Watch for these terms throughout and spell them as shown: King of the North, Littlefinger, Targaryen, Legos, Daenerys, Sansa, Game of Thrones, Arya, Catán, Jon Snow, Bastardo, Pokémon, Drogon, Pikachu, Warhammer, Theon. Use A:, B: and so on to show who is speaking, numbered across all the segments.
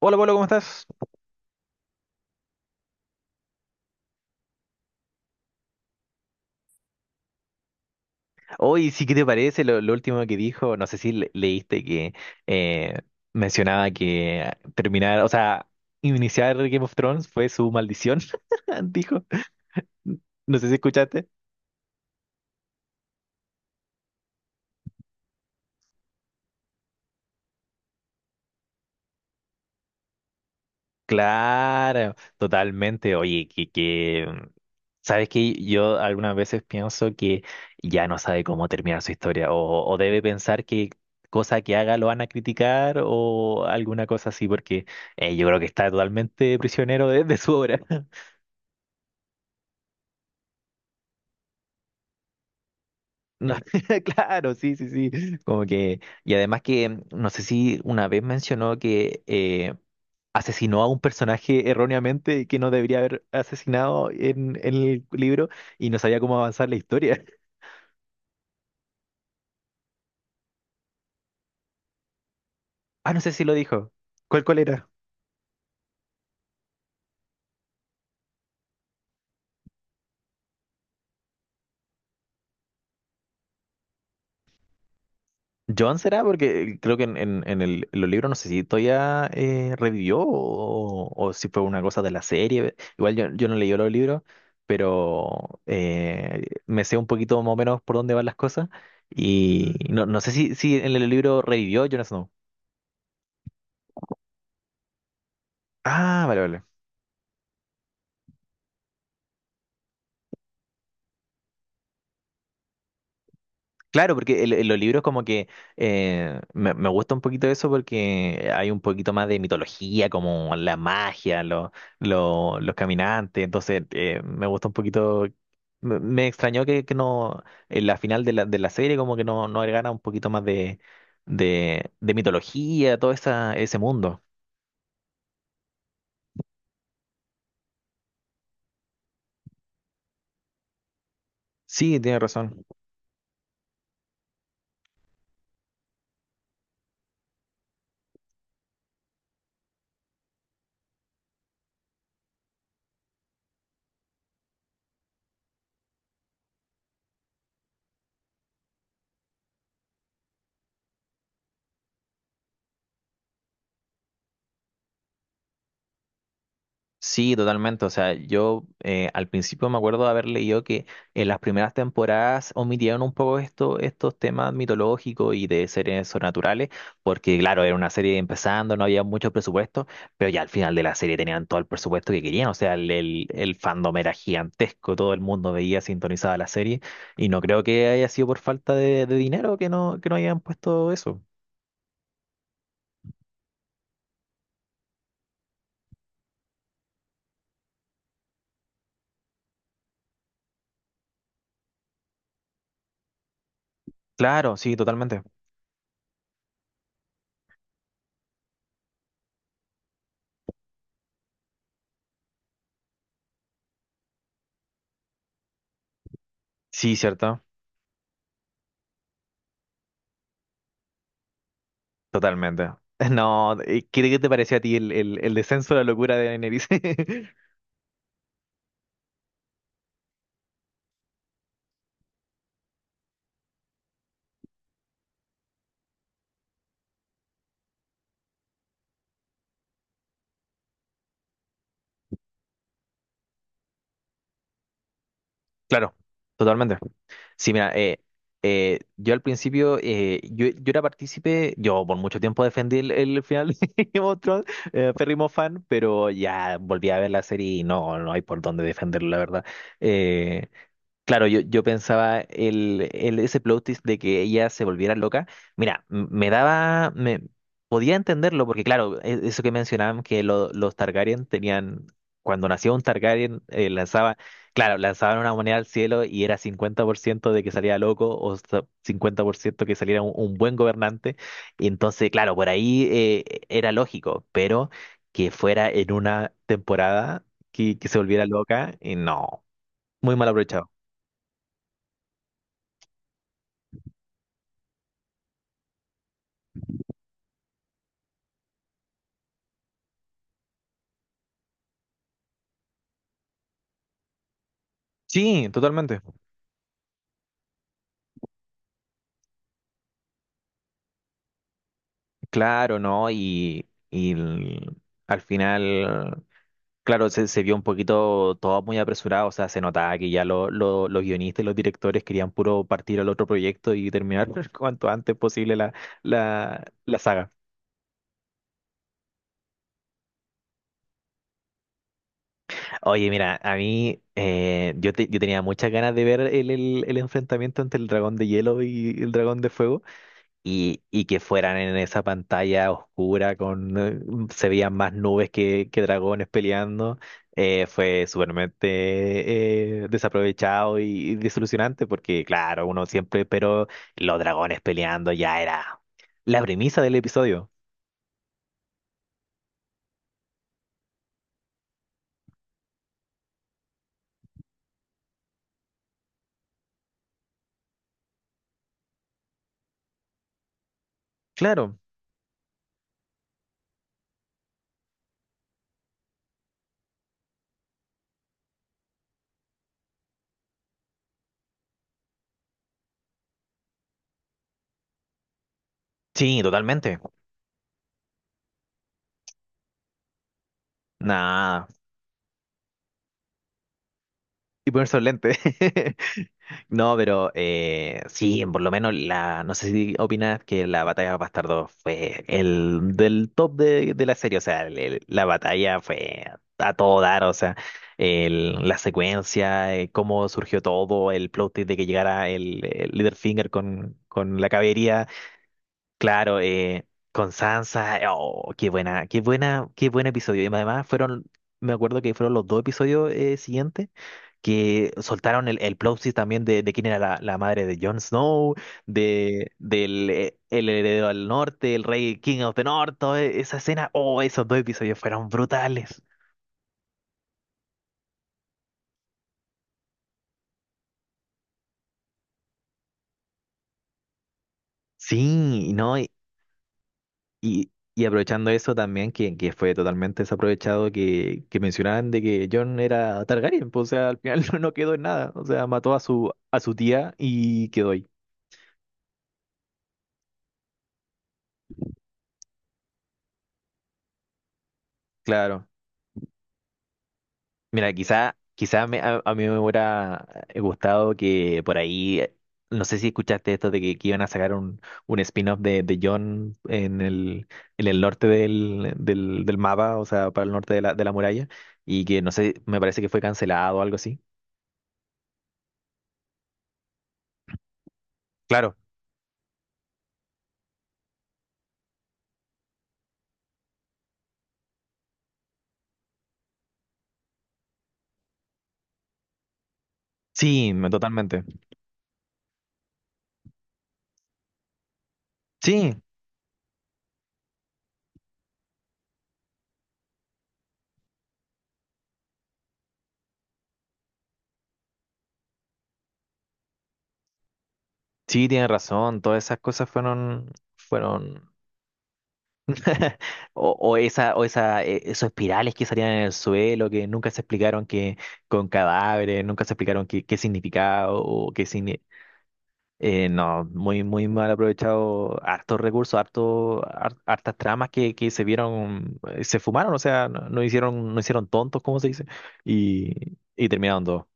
A: Hola, Pablo, ¿cómo estás? Hoy sí, ¿qué te parece lo último que dijo? No sé si leíste que eh, mencionaba que o sea, iniciar Game of Thrones fue su maldición, dijo. No sé si escuchaste. Claro, totalmente. Oye, que, sabes que yo algunas veces pienso que ya no sabe cómo terminar su historia o debe pensar que cosa que haga lo van a criticar o alguna cosa así, porque yo creo que está totalmente prisionero de su obra. No, claro, sí, sí, sí. Como que, y además que no sé si una vez mencionó que asesinó a un personaje erróneamente que no debería haber asesinado en el libro y no sabía cómo avanzar la historia. Ah, no sé si lo dijo. ¿Cuál era? ¿John será? Porque creo que en los libros no sé si todavía revivió o si fue una cosa de la serie. Igual yo no leí los libros, pero me sé un poquito más o menos por dónde van las cosas. Y no, no sé si en el libro revivió Jon Snow. Ah, vale, vale. Claro, porque en los libros como que me gusta un poquito eso porque hay un poquito más de mitología, como la magia, los caminantes, entonces me gusta un poquito, me extrañó que no, en la final de la serie como que no agregara un poquito más de mitología, todo ese mundo. Sí, tiene razón. Sí, totalmente. O sea, yo al principio me acuerdo de haber leído que en las primeras temporadas omitieron un poco estos temas mitológicos y de seres sobrenaturales, porque claro, era una serie empezando, no había mucho presupuesto, pero ya al final de la serie tenían todo el presupuesto que querían. O sea, el fandom era gigantesco, todo el mundo veía sintonizada la serie y no creo que haya sido por falta de dinero que no, hayan puesto eso. Claro, sí, totalmente. Sí, cierto. Totalmente. No, ¿qué te pareció a ti el descenso de la locura de Daenerys? Claro, totalmente. Sí, mira, yo al principio, yo era partícipe, yo por mucho tiempo defendí el final de Game of Thrones, férrimo fan, pero ya volví a ver la serie y no hay por dónde defenderlo, la verdad. Eh, Claro, yo pensaba ese plot twist de que ella se volviera loca. Mira, me podía entenderlo porque claro, eso que mencionaban que los Targaryen tenían, cuando nacía un Targaryen, claro, lanzaban una moneda al cielo y era 50% de que salía loco o 50% que saliera un buen gobernante. Y entonces, claro, por ahí era lógico, pero que fuera en una temporada que se volviera loca, y no, muy mal aprovechado. Sí, totalmente. Claro, ¿no? Y al final, claro, se vio un poquito todo muy apresurado, o sea, se notaba que ya los guionistas y los directores querían puro partir al otro proyecto y terminar cuanto antes posible la saga. Oye, mira, a mí yo tenía muchas ganas de ver el enfrentamiento entre el dragón de hielo y el dragón de fuego. Y que fueran en esa pantalla oscura con, se veían más nubes que dragones peleando, fue supermente desaprovechado y desilusionante porque claro, uno siempre pero los dragones peleando ya era la premisa del episodio. Claro, sí, totalmente. Nada. Y ponerse los lentes. No, pero sí, por lo menos no sé si opinas que la batalla de Bastardo fue el del top de la serie, o sea, la batalla fue a todo dar, o sea, la secuencia, cómo surgió todo, el plot twist de que llegara el Littlefinger con la caballería. Claro, con Sansa, oh, qué buena, qué buena, qué buen episodio. Y además me acuerdo que fueron los dos episodios siguientes que soltaron el plot twist también de quién era la madre de Jon Snow, de, del el heredero al norte, el rey King of the North, toda esa escena, oh, esos dos episodios fueron brutales. Sí, ¿no? Y aprovechando eso también, que fue totalmente desaprovechado, que mencionaban de que John era Targaryen, pues, o sea, al final no quedó en nada, o sea, mató a su tía y quedó ahí, claro. Mira, quizá, quizá a mí me hubiera gustado que por ahí, no sé si escuchaste esto de que iban a sacar un spin-off de John en el norte del mapa, o sea, para el norte de la muralla, y que no sé, me parece que fue cancelado o algo así. Claro. Sí, totalmente. Sí, sí, tienes razón. Todas esas cosas fueron, esos espirales que salían en el suelo, que nunca se explicaron que con cadáveres, nunca se explicaron qué significaba no, muy, muy mal aprovechado, hartos recursos, hartas tramas que se vieron, se fumaron, o sea, no hicieron tontos, como se dice, y terminaron todo.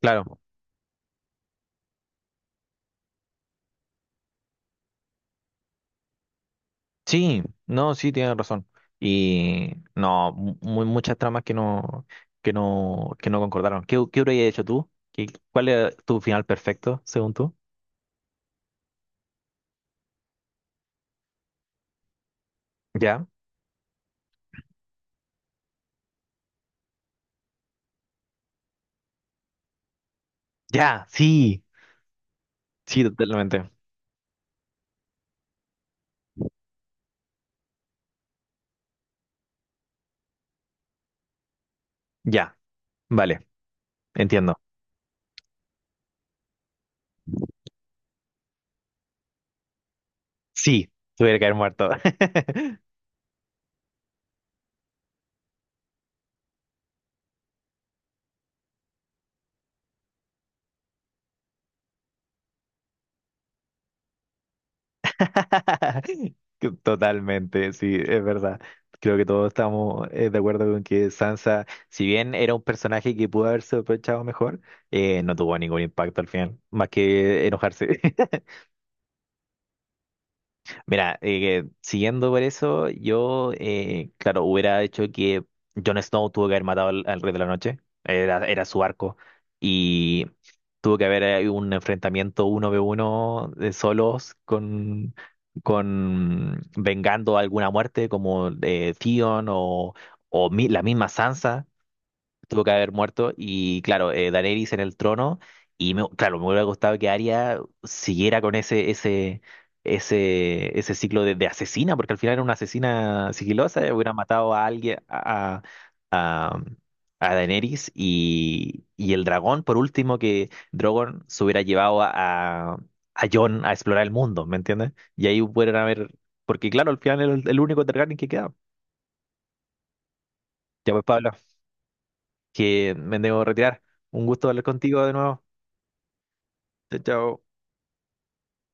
A: Claro. Sí, no, sí, tienes razón. Y no, muchas tramas que no concordaron. ¿Qué habrías hecho tú? ¿Cuál era tu final perfecto, según tú? ¿Ya? Ya, sí, sí, totalmente. Ya, vale, entiendo. Sí, tuviera que haber muerto. Totalmente, sí, es verdad. Creo que todos estamos de acuerdo con que Sansa, si bien era un personaje que pudo haberse aprovechado mejor, no tuvo ningún impacto al final, más que enojarse. Mira, siguiendo por eso, claro, hubiera hecho que Jon Snow tuvo que haber matado al Rey de la Noche, era su arco, y tuvo que haber un enfrentamiento uno v uno de solos con vengando alguna muerte como Theon o, la misma Sansa tuvo que haber muerto. Y claro, Daenerys en el trono. Y claro, me hubiera gustado que Arya siguiera con ese ciclo de asesina, porque al final era una asesina sigilosa, hubiera matado a alguien, a, a Daenerys y el dragón, por último, que Drogon se hubiera llevado a, a, a Jon a explorar el mundo, ¿me entiendes? Y ahí pudieran haber, porque claro, al final era el único Targaryen que queda. Ya pues, Pablo, que me debo retirar. Un gusto hablar contigo de nuevo. Chao, chao.